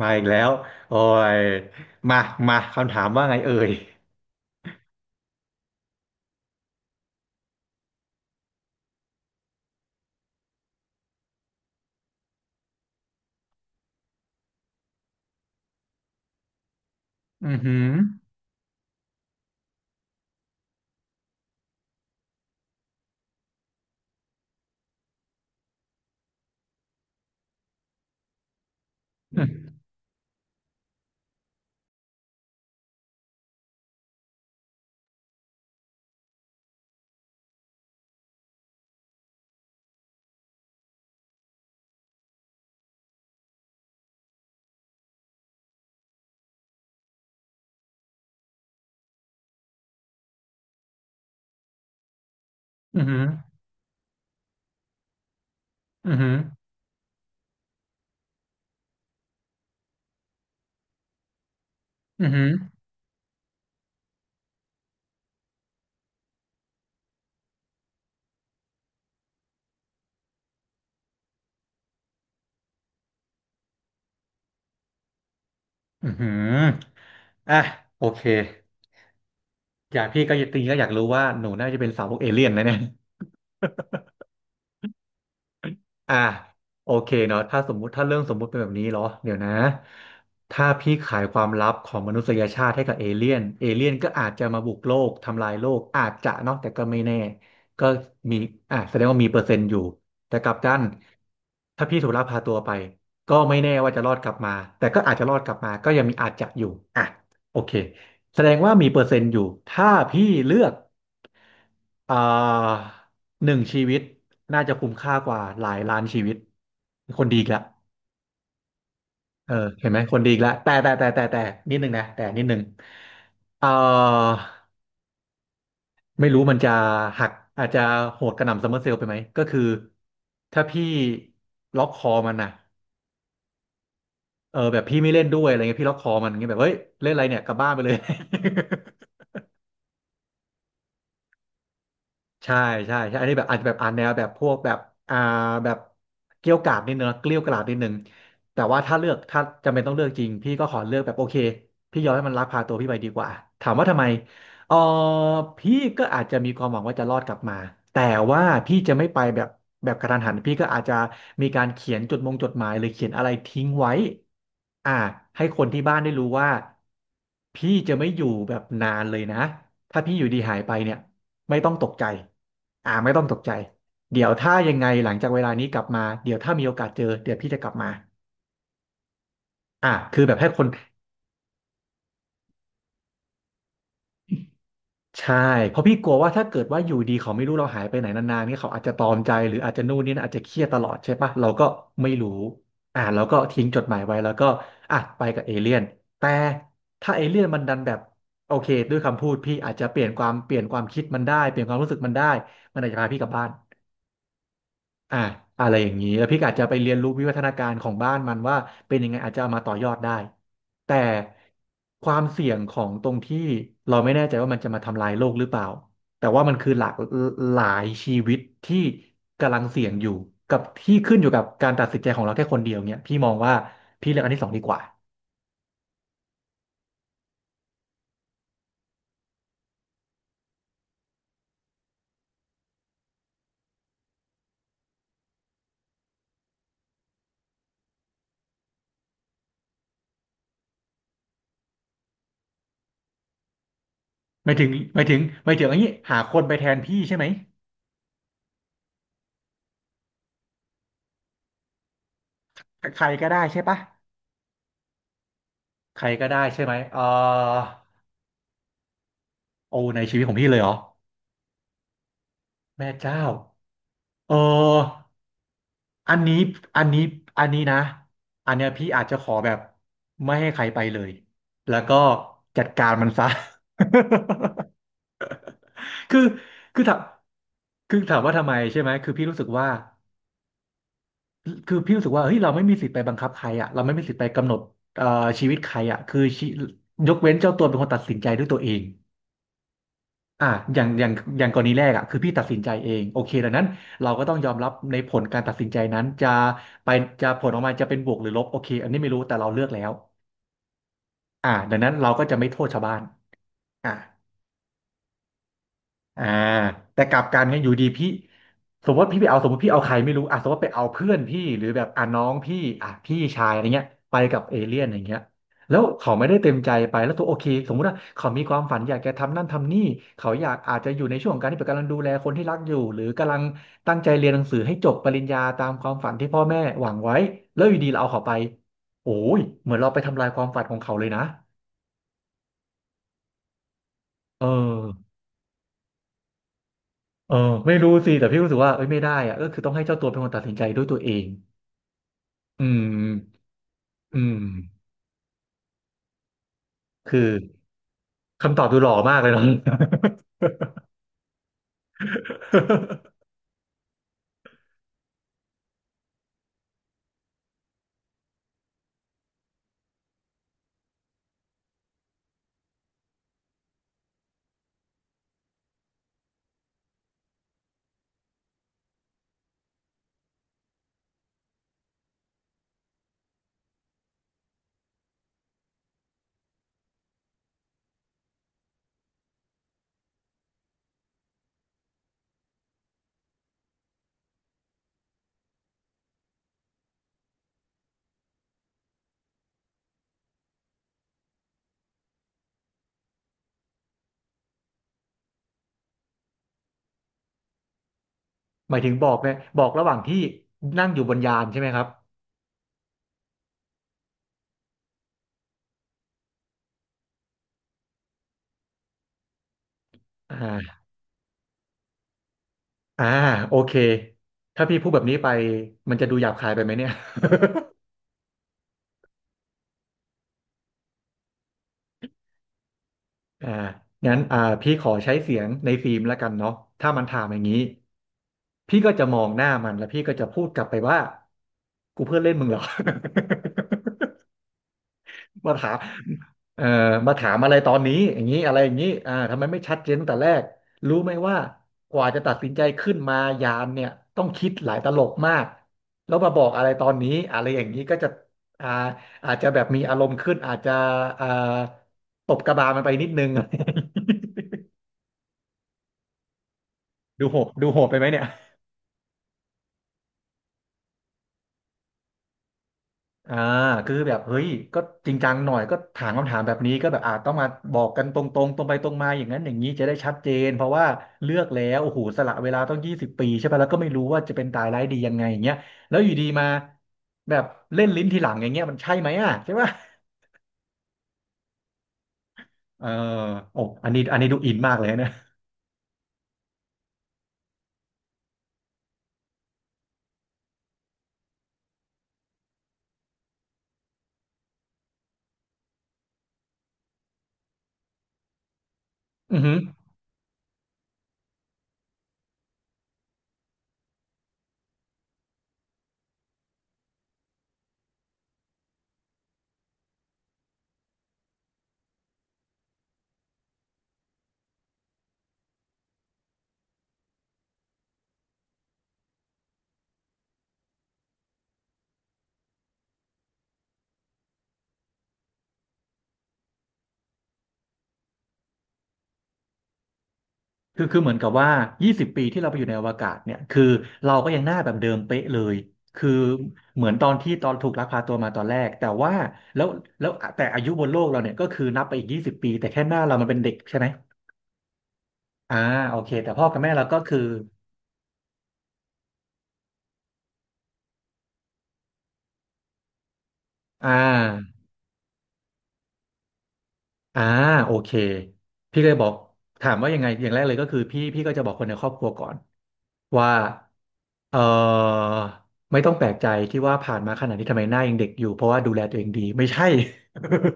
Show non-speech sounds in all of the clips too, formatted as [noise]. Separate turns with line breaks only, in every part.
มาอีกแล้วโอ้ยมา มา คำถามว่าไงเอ่ยอือหืออือหืออือหืออือหืออือหืออ่ะโอเคอยากพี่ก็อยากตีก็อยากรู้ว่าหนูน่าจะเป็นสาวกเอเลี่ยนนะเนี่ย อ่ะโอเคเนาะถ้าสมมุติถ้าเรื่องสมมุติเป็นแบบนี้เหรอเดี๋ยวนะถ้าพี่ขายความลับของมนุษยชาติให้กับเอเลี่ยนเอเลี่ยนก็อาจจะมาบุกโลกทำลายโลกอาจจะเนาะแต่ก็ไม่แน่ก็มีอ่ะแสดงว่ามีเปอร์เซ็นต์อยู่แต่กลับกันถ้าพี่ถูกลักพาตัวไปก็ไม่แน่ว่าจะรอดกลับมาแต่ก็อาจจะรอดกลับมาก็ยังมีอาจจะอยู่อ่ะโอเคแสดงว่ามีเปอร์เซ็นต์อยู่ถ้าพี่เลือก อ่าหนึ่งชีวิตน่าจะคุ้มค่ากว่าหลายล้านชีวิตคนดีอีกละเออเห็นไหมคนดีอีกและแต่นิดนึงนะแต่นิดนึงเอ่อไม่รู้มันจะหักอาจจะโหดกระหน่ำซัมเมอร์เซลล์ไปไหมก็คือถ้าพี่ล็อกคอมันนะเออแบบพี่ไม่เล่นด้วยอะไรเงี้ยพี่ล็อกคอมันอย่างเงี้ยแบบเฮ้ยเล่นอะไรเนี่ยกลับบ้านไปเลย ใช่ใช่ใช่อันนี้แบบอาจจะแบบอ่านแนวแบบพวกแบบอ่าแบบเกรี้ยวกราดนิดนึงนะเกรี้ยวกราดนิดนึงแต่ว่าถ้าเลือกถ้าจำเป็นต้องเลือกจริงพี่ก็ขอเลือกแบบโอเคพี่ยอมให้มันลักพาตัวพี่ไปดีกว่าถามว่าทำไมเออพี่ก็อาจจะมีความหวังว่าจะรอดกลับมาแต่ว่าพี่จะไม่ไปแบบกระทันหันพี่ก็อาจจะมีการเขียนจดหมายหรือเขียนอะไรทิ้งไว้อ่าให้คนที่บ้านได้รู้ว่าพี่จะไม่อยู่แบบนานเลยนะถ้าพี่อยู่ดีหายไปเนี่ย ไม่ต้องตกใจไม่ต้องตกใจ เดี๋ยวถ้ายังไงหลังจากเวลานี้กลับมา เดี๋ยวถ้ามีโอกาสเจอเดี๋ยวพี่จะกลับมาคือแบบให้คนใช่เพราะพี่กลัวว่าถ้าเกิดว่าอยู่ดีเขาไม่รู้เราหายไปไหนนานๆเนี่ยเขาอาจจะตรอมใจหรืออาจจะนู่นนี่นะอาจจะเครียดตลอดใช่ปะเราก็ไม่รู้เราก็ทิ้งจดหมายไว้แล้วก็อ่ะไปกับเอเลี่ยนแต่ถ้าเอเลี่ยนมันดันแบบโอเคด้วยคำพูดพี่อาจจะเปลี่ยนความคิดมันได้เปลี่ยนความรู้สึกมันได้มันอาจจะพาพี่กลับบ้าน อ่าอะไรอย่างนี้แล้วพี่ก็อาจจะไปเรียนรู้วิวัฒนาการของบ้านมันว่าเป็นยังไงอาจจะเอามาต่อยอดได้แต่ความเสี่ยงของตรงที่เราไม่แน่ใจว่ามันจะมาทำลายโลกหรือเปล่าแต่ว่ามันคือหลากหลายชีวิตที่กำลังเสี่ยงอยู่กับที่ขึ้นอยู่กับการตัดสินใจของเราแค่คนเดียวเนี่ยพี่มองว่าพี่เลือกอันที่สองดีกว่าไม่ถึงอันนี้หาคนไปแทนพี่ใช่ไหมใครก็ได้ใช่ปะใครก็ได้ใช่ไหมเออโอ้ในชีวิตของพี่เลยเหรอแม่เจ้า เอออันนี้อันนี้อันนี้นะ อันเนี้ยพี่อาจจะขอแบบไม่ให้ใครไปเลย แล้วก็จัดการมันซะ [laughs] คือคือถามคือถามว่าทำไมใช่ไหม คือพี่รู้สึกว่าเฮ้ยเราไม่มีสิทธิ์ไปบังคับใครอ่ะเราไม่มีสิทธิ์ไปกำหนดเอ่อชีวิตใครอ่ะคือชียกเว้นเจ้าตัวเป็นคนตัดสินใจด้วยตัวเอง อ่ะอย่างอย่างอย่างกรณีแรกอ่ะคือพี่ตัดสินใจเองโอเคดังนั้นเราก็ต้องยอมรับในผลการตัดสินใจนั้นไปจะผลออกมาจะเป็นบวกหรือลบโอเคอันนี้ไม่รู้แต่เราเลือกแล้วอ่ะดังนั้นเราก็จะไม่โทษชาวบ้านอ่ะ อ่าแต่กลับกันเนี่ยอยู่ดีพี่สมมติพี่เอาใครไม่รู้อ่ะสมมติไปเอาเพื่อนพี่หรือแบบอ่ะน้องพี่อ่ะพี่ชายอะไรเงี้ยไปกับเอเลี่ยนอย่างเงี้ยแล้วเขาไม่ได้เต็มใจไปแล้วตัวโอเคสมมติว่าเขามีความฝันอยากจะทำนั่นทำนี่เขาอยากอาจจะอยู่ในช่วงของการที่แบบกำลังดูแลคนที่รักอยู่หรือกำลังตั้งใจเรียนหนังสือให้จบปริญญาตามความฝันที่พ่อแม่หวังไว้แล้วอยู่ดีเราเอาเขาไปโอ้ยเหมือนเราไปทำลายความฝันของเขาเลยนะเออ เออไม่รู้สิแต่พี่รู้สึกว่าเอ้ยไม่ได้อะก็คือต้องให้เจ้าตัวเป็นคนตัดสินใจด้วยตัวเองอืมอืมคือคำตอบดูหล่อมากเลยเนาะ [laughs] หมายถึงบอกไหมบอกระหว่างที่นั่งอยู่บนยานใช่ไหมครับอ่าอ่าโอเคถ้าพี่พูดแบบนี้ไปมันจะดูหยาบคายไปไหมเนี่ย [laughs] อ่างั้นพี่ขอใช้เสียงในฟิล์มแล้วกันเนาะถ้ามันถามอย่างนี้พี่ก็จะมองหน้ามันแล้วพี่ก็จะพูดกลับไปว่ากูเพื่อนเล่นมึงเหรอ [laughs] มาถามเอ่อมาถามอะไรตอนนี้อย่างนี้อะไรอย่างนี้ทำไมไม่ชัดเจนตั้งแต่แรกรู้ไหมว่ากว่าจะตัดสินใจขึ้นมายามเนี่ยต้องคิดหลายตลบมากแล้วมาบอกอะไรตอนนี้อะไรอย่างนี้ก็จะอ่าอาจจะแบบมีอารมณ์ขึ้นอาจจะอ่าตบกระบาลมันไปนิดนึง [laughs] ดูโหดไปไหมเนี่ย อ่าคือแบบเฮ้ยก็จริงจังหน่อยก็ถามคำถามแบบนี้ก็แบบอาจต้องมาบอกกันตรงๆตรงไปตรงมาอย่างนั้นอย่างนี้จะได้ชัดเจนเพราะว่าเลือกแล้วโอ้โหสละเวลาต้องยี่สิบปีใช่ปะแล้วก็ไม่รู้ว่าจะเป็นตายร้ายดียังไงอย่างเงี้ยแล้วอยู่ดีมาแบบเล่นลิ้นทีหลังอย่างเงี้ยมันใช่ไหมอ่ะใช่ปะเออโอ้อันนี้อันนี้ดูอินมากเลยนะอือหือ คือคือเหมือนกับว่า20ปีที่เราไปอยู่ในอวกาศเนี่ย คือเราก็ยังหน้าแบบเดิมเป๊ะเลย คือเหมือนตอนที่ตอนถูกลักพาตัวมาตอนแรก แต่ว่าแล้วแล้วแต่อายุบนโลกเราเนี่ยก็คือนับไปอีก20ปีแต่แค่หน้าเรามันเป็นเด็กใช่ไหมอ่าโอเคแต่พ่อกับแม่เราก็คืออ่า อ่าโอเคพี่เลยบอกถามว่ายังไงอย่างแรกเลยก็คือพี่ก็จะบอกคนในครอบครัวก่อนว่าเออไม่ต้องแปลกใจที่ว่าผ่านมาขนาดนี้ทำไมหน้ายังเด็กอยู่เพราะว่าดูแลตัวเองดีไม่ใช่ [laughs]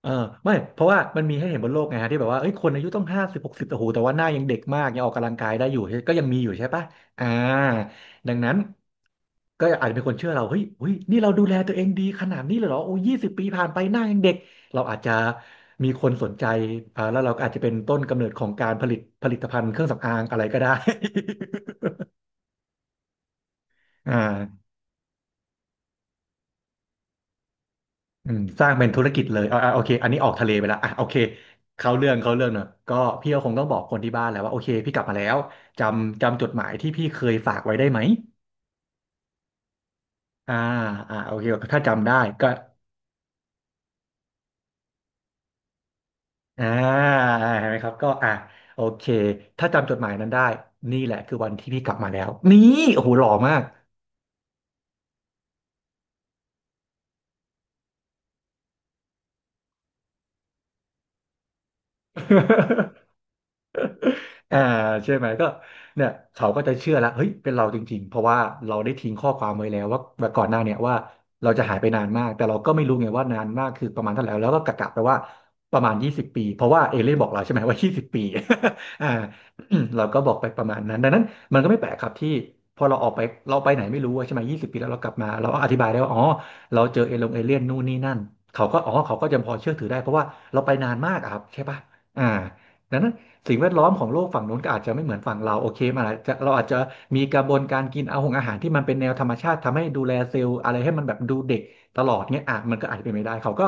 เออไม่เพราะว่ามันมีให้เห็นบนโลกไงฮะที่แบบว่าเอ้ยคนอายุต้อง50 60โอ้โหแต่ว่าหน้ายังเด็กมากยังออกกำลังกายได้อยู่ก็ยังมีอยู่ใช่ปะอ่าดังนั้นก็อาจจะเป็นคนเชื่อเราเฮ้ยนี่เราดูแลตัวเองดีขนาดนี้เลยเหรอโอ้ยี่สิบปีผ่านไปหน้ายังเด็กเราอาจจะมีคนสนใจแล้วเราก็อาจจะเป็นต้นกำเนิดของการผลิตภัณฑ์เครื่องสำอางอะไรก็ได้ [laughs] อ่า อืมสร้างเป็นธุรกิจเลยโอเคอันนี้ออกทะเลไปแล้วอ่ะโอเคเข้าเรื่องเข้าเรื่องเนอะก็พี่ก็คงต้องบอกคนที่บ้านแหล้วว่าโอเคพี่กลับมาแล้วจำจดหมายที่พี่เคยฝากไว้ได้ไหมอ่าโอเคถ้าจำได้ก็อ่าเห็นไหมครับก็โอเคถ้าจำจดหมายนั้นได้ นี่แหละคือวันที่พี่กลับมาแล้วนี่โอ้โหหล่อมาก อ่าใช่ไหมก็เนี่ยเขาก็จะเชื่อแล้วเฮ้ยเป็นเราจริงๆเพราะว่าเราได้ทิ้งข้อความไว้แล้วว่าก่อนหน้าเนี่ยว่าเราจะหายไปนานมากแต่เราก็ไม่รู้ไงว่านานมากคือประมาณเท่าไหร่แล้วก็กะไปว่าประมาณยี่สิบปีเพราะว่าเอเลี่ยนบอกเราใช่ไหมว่ายี่สิบปี [laughs] อ่า [clears throat] เราก็บอกไปประมาณนั้นดังนั้นมันก็ไม่แปลกครับที่พอเราออกไปเราไปไหนไม่รู้อะใช่ไหมยี่สิบปีแล้วเรากลับมาเราก็อธิบายได้ว่าอ๋อเราเจอเอเลี่ยนนู่นนี่นั่นเขาก็อ๋อเขาก็จะพอเชื่อถือได้เพราะว่าเราไปนานมากอะครับใช่ปะอ่าดังนั้น สิ่งแวดล้อมของโลกฝั่งนู้นก็อาจจะไม่เหมือนฝั่งเราโอเคมันอาจจะเราอาจจะมีกระบวนการกินเอาของอาหารที่มันเป็นแนวธรรมชาติทำให้ดูแลเซลล์อะไรให้มันแบบดูเด็กตลอดเนี้ยอ่ะมันก็อาจจะเป็นไม่ได้เขาก็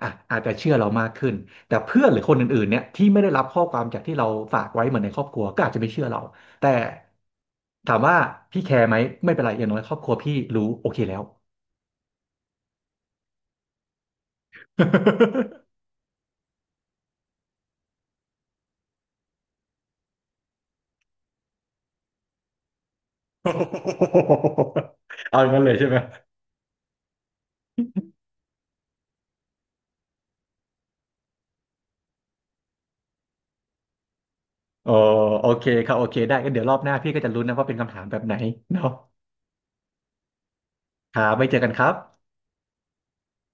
อ่ะอาจจะเชื่อเรามากขึ้นแต่เพื่อนหรือคนอื่นๆเนี่ยที่ไม่ได้รับข้อความจากที่เราฝากไว้เหมือนในครอบครัวก็อาจจะไม่เชื่อเราแต่ถามว่าพี่แคร์ไหมไม่เป็นไรอย่างน้อยครอบครัวพี่รู้โอเคแล้ว [laughs] เอาอย่างนั้นเลยใช่ไหม โอ้โอเคครับโอเคได้ก็เดี๋ยวรอบหน้าพี่ก็จะลุ้นนะว่าเป็นคำถามแบบไหนเนาะครับไว้เจอกันครับ